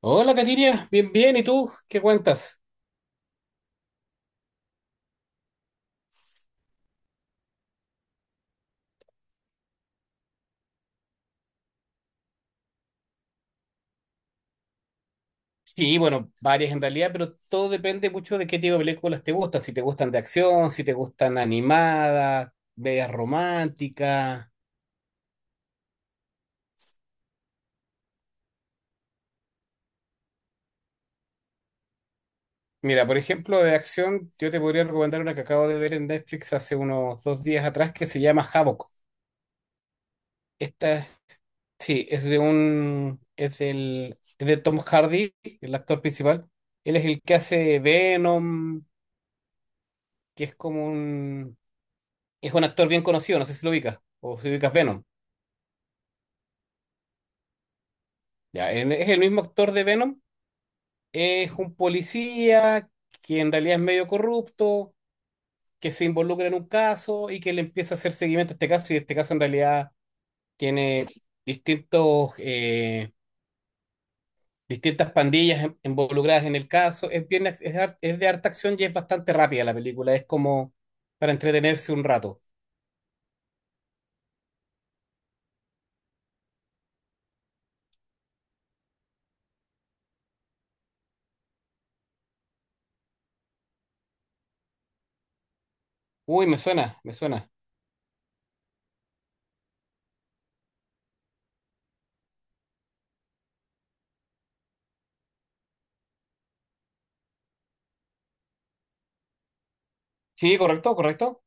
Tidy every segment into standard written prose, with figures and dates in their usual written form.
Hola, Katiria, bien, bien, ¿y tú? ¿Qué cuentas? Sí, bueno, varias en realidad, pero todo depende mucho de qué tipo de películas te gustan. Si te gustan de acción, si te gustan animadas, medias románticas. Mira, por ejemplo, de acción, yo te podría recomendar una que acabo de ver en Netflix hace unos 2 días atrás que se llama Havoc. Esta, sí, es de un, es del, es de Tom Hardy, el actor principal. Él es el que hace Venom. Que es como un Es un actor bien conocido, no sé si lo ubicas, o si ubicas Venom. Ya, él es el mismo actor de Venom, es un policía que en realidad es medio corrupto, que se involucra en un caso y que le empieza a hacer seguimiento a este caso, y este caso en realidad tiene distintos, eh, distintas pandillas involucradas en el caso. Es, bien, ac- es, har- es de harta acción y es bastante rápida la película, es como para entretenerse un rato. Uy, me suena, me suena. Sí, correcto, correcto.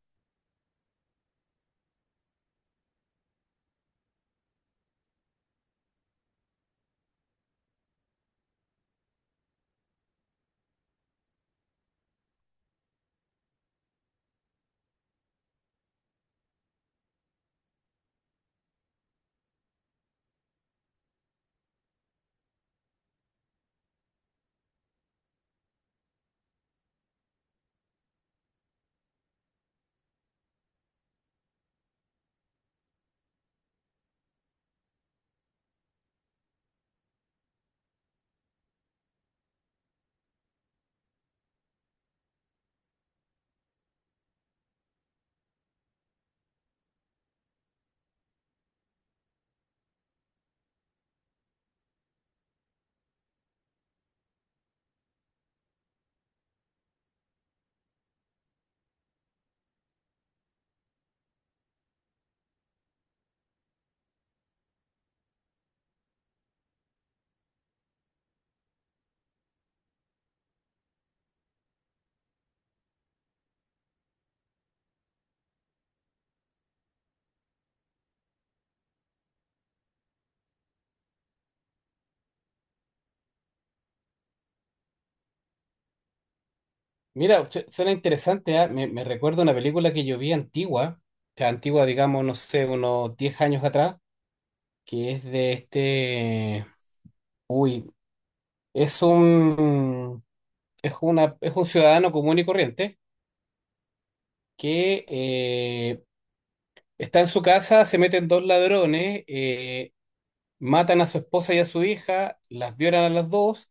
Mira, suena interesante, ¿ah? Me recuerda una película que yo vi antigua, o sea, antigua, digamos, no sé, unos 10 años atrás, que es de este... Uy, es un... es un ciudadano común y corriente que está en su casa, se meten dos ladrones, matan a su esposa y a su hija, las violan a las dos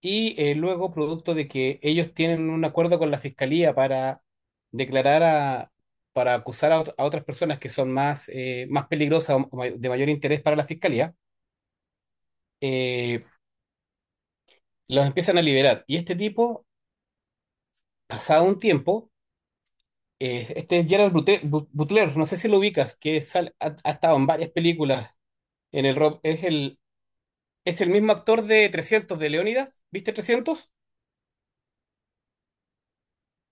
y luego producto de que ellos tienen un acuerdo con la fiscalía para declarar a, acusar a, a otras personas que son más peligrosas o de mayor interés para la fiscalía. eh, los empiezan a liberar. Y este tipo, pasado un tiempo, este es Gerard Butler, no sé si lo ubicas, que ha estado en varias películas en el rock, es el mismo actor de 300 de Leónidas. ¿Viste 300?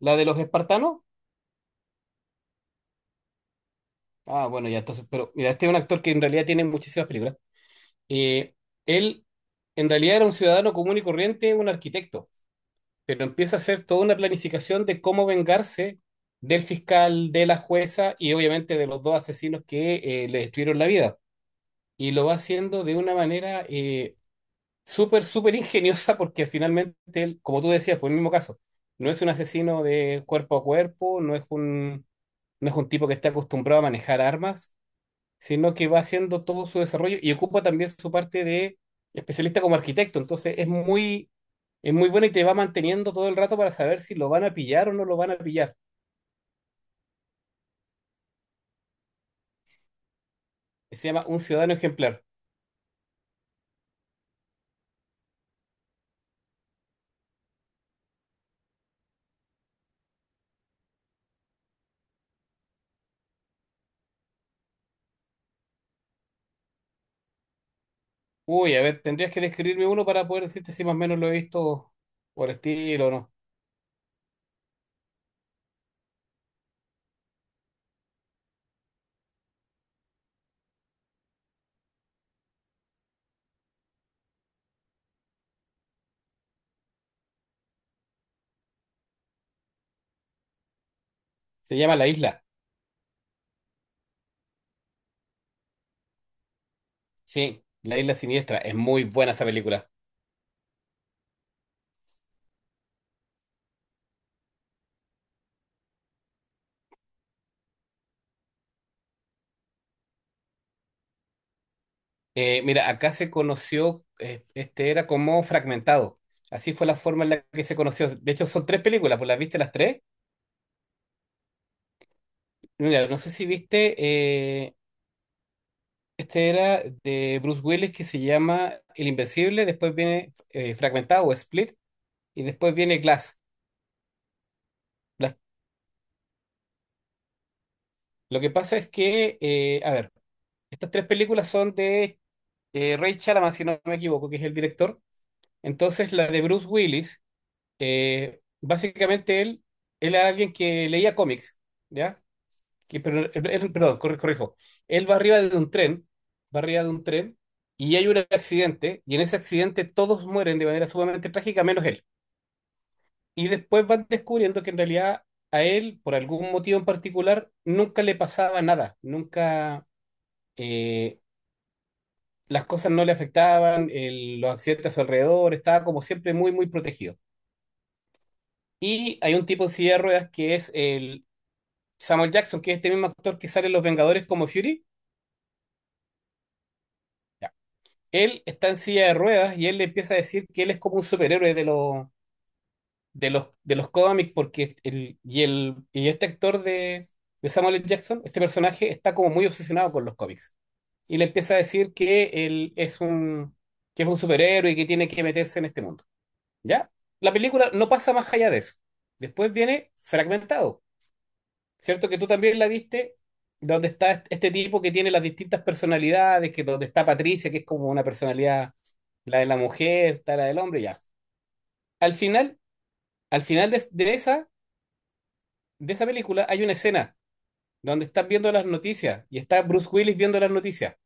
La de los espartanos. Ah, bueno, ya entonces, pero mira, este es un actor que en realidad tiene muchísimas películas. Eh, Él en realidad era un ciudadano común y corriente, un arquitecto, pero empieza a hacer toda una planificación de cómo vengarse del fiscal, de la jueza y obviamente de los dos asesinos que le destruyeron la vida. Y lo va haciendo de una manera súper, súper ingeniosa porque finalmente él, como tú decías, por el mismo caso, no es un asesino de cuerpo a cuerpo, no es un tipo que está acostumbrado a manejar armas, sino que va haciendo todo su desarrollo y ocupa también su parte de especialista como arquitecto. Entonces es muy bueno y te va manteniendo todo el rato para saber si lo van a pillar o no lo van a pillar. Se llama Un Ciudadano Ejemplar. Uy, a ver, tendrías que describirme uno para poder decirte si más o menos lo he visto por estilo o no. Se llama La Isla. Sí, La Isla Siniestra. Es muy buena esa película. Mira, acá se conoció, este era como fragmentado. Así fue la forma en la que se conoció. De hecho, son tres películas, pues las viste las tres. Mira, no sé si viste, este era de Bruce Willis, que se llama El Invencible, después viene Fragmentado o Split y después viene Glass. Las- lo que pasa es que, a ver, estas tres películas son de Ray Chalamet, si no me equivoco, que es el director. Entonces, la de Bruce Willis, básicamente él era alguien que leía cómics, ¿ya? que, pero, él- perdón, corrijo, él va arriba de un tren, va arriba de un tren y hay un accidente, y en ese accidente todos mueren de manera sumamente trágica menos él. Y después van descubriendo que en realidad a él, por algún motivo en particular, nunca le pasaba nada. Nunca eh, las cosas no le afectaban, los accidentes a su alrededor, estaba como siempre muy, muy protegido. Y hay un tipo en silla de ruedas que es el Samuel Jackson, que es este mismo actor que sale en Los Vengadores como Fury. Él está en silla de ruedas y él le empieza a decir que él es como un superhéroe de los cómics, porque el y este actor de Samuel L. Jackson, este personaje está como muy obsesionado con los cómics, y le empieza a decir que él es un superhéroe y que tiene que meterse en este mundo. ¿Ya? La película no pasa más allá de eso. Después viene fragmentado, ¿cierto? Que tú también la viste, donde está este tipo que tiene las distintas personalidades, que donde está Patricia, que es como una personalidad la de la mujer, está la del hombre, ya. Al final, al final de esa película hay una escena donde estás viendo las noticias y está Bruce Willis viendo las noticias.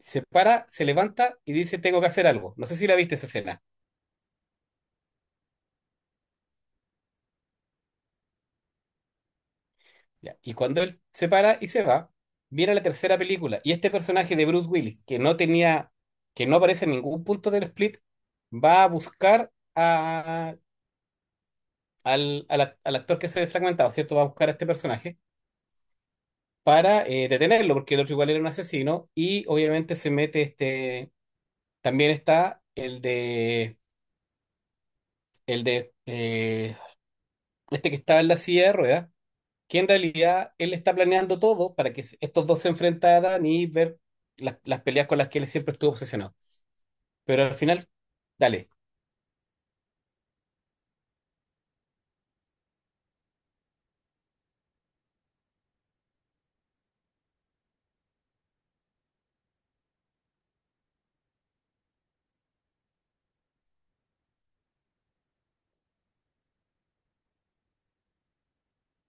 Se para, se levanta y dice, tengo que hacer algo. No sé si la viste esa escena. Ya. Y cuando él se para y se va, viene la tercera película y este personaje de Bruce Willis, que no tenía, que no aparece en ningún punto del split, va a buscar a, al, al, act- al actor que se ha fragmentado, ¿cierto? Va a buscar a este personaje para detenerlo, porque el otro igual era un asesino, y obviamente se mete este, también está el de, eh, este que estaba en la silla de ruedas, que en realidad él está planeando todo para que estos dos se enfrentaran y ver las peleas con las que él siempre estuvo obsesionado. Pero al final, dale,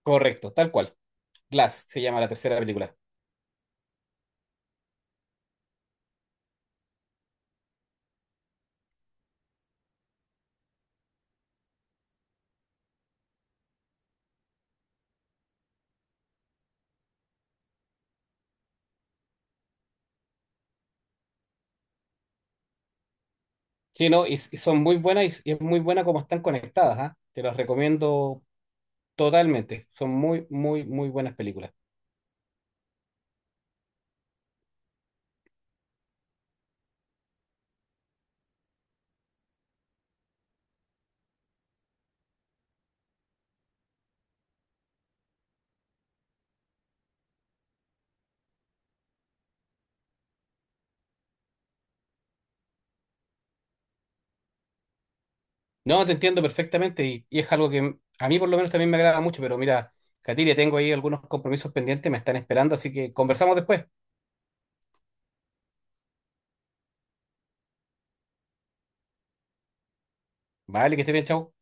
correcto, tal cual. Glass se llama la tercera película. Sí, no, y son muy buenas y, y es muy buena como están conectadas, ¿ah? Te las recomiendo totalmente. Son muy, muy, muy buenas películas. No, te entiendo perfectamente y es algo que a mí por lo menos también me agrada mucho, pero mira, Catiria, tengo ahí algunos compromisos pendientes, me están esperando, así que conversamos después. Vale, que esté bien, chao.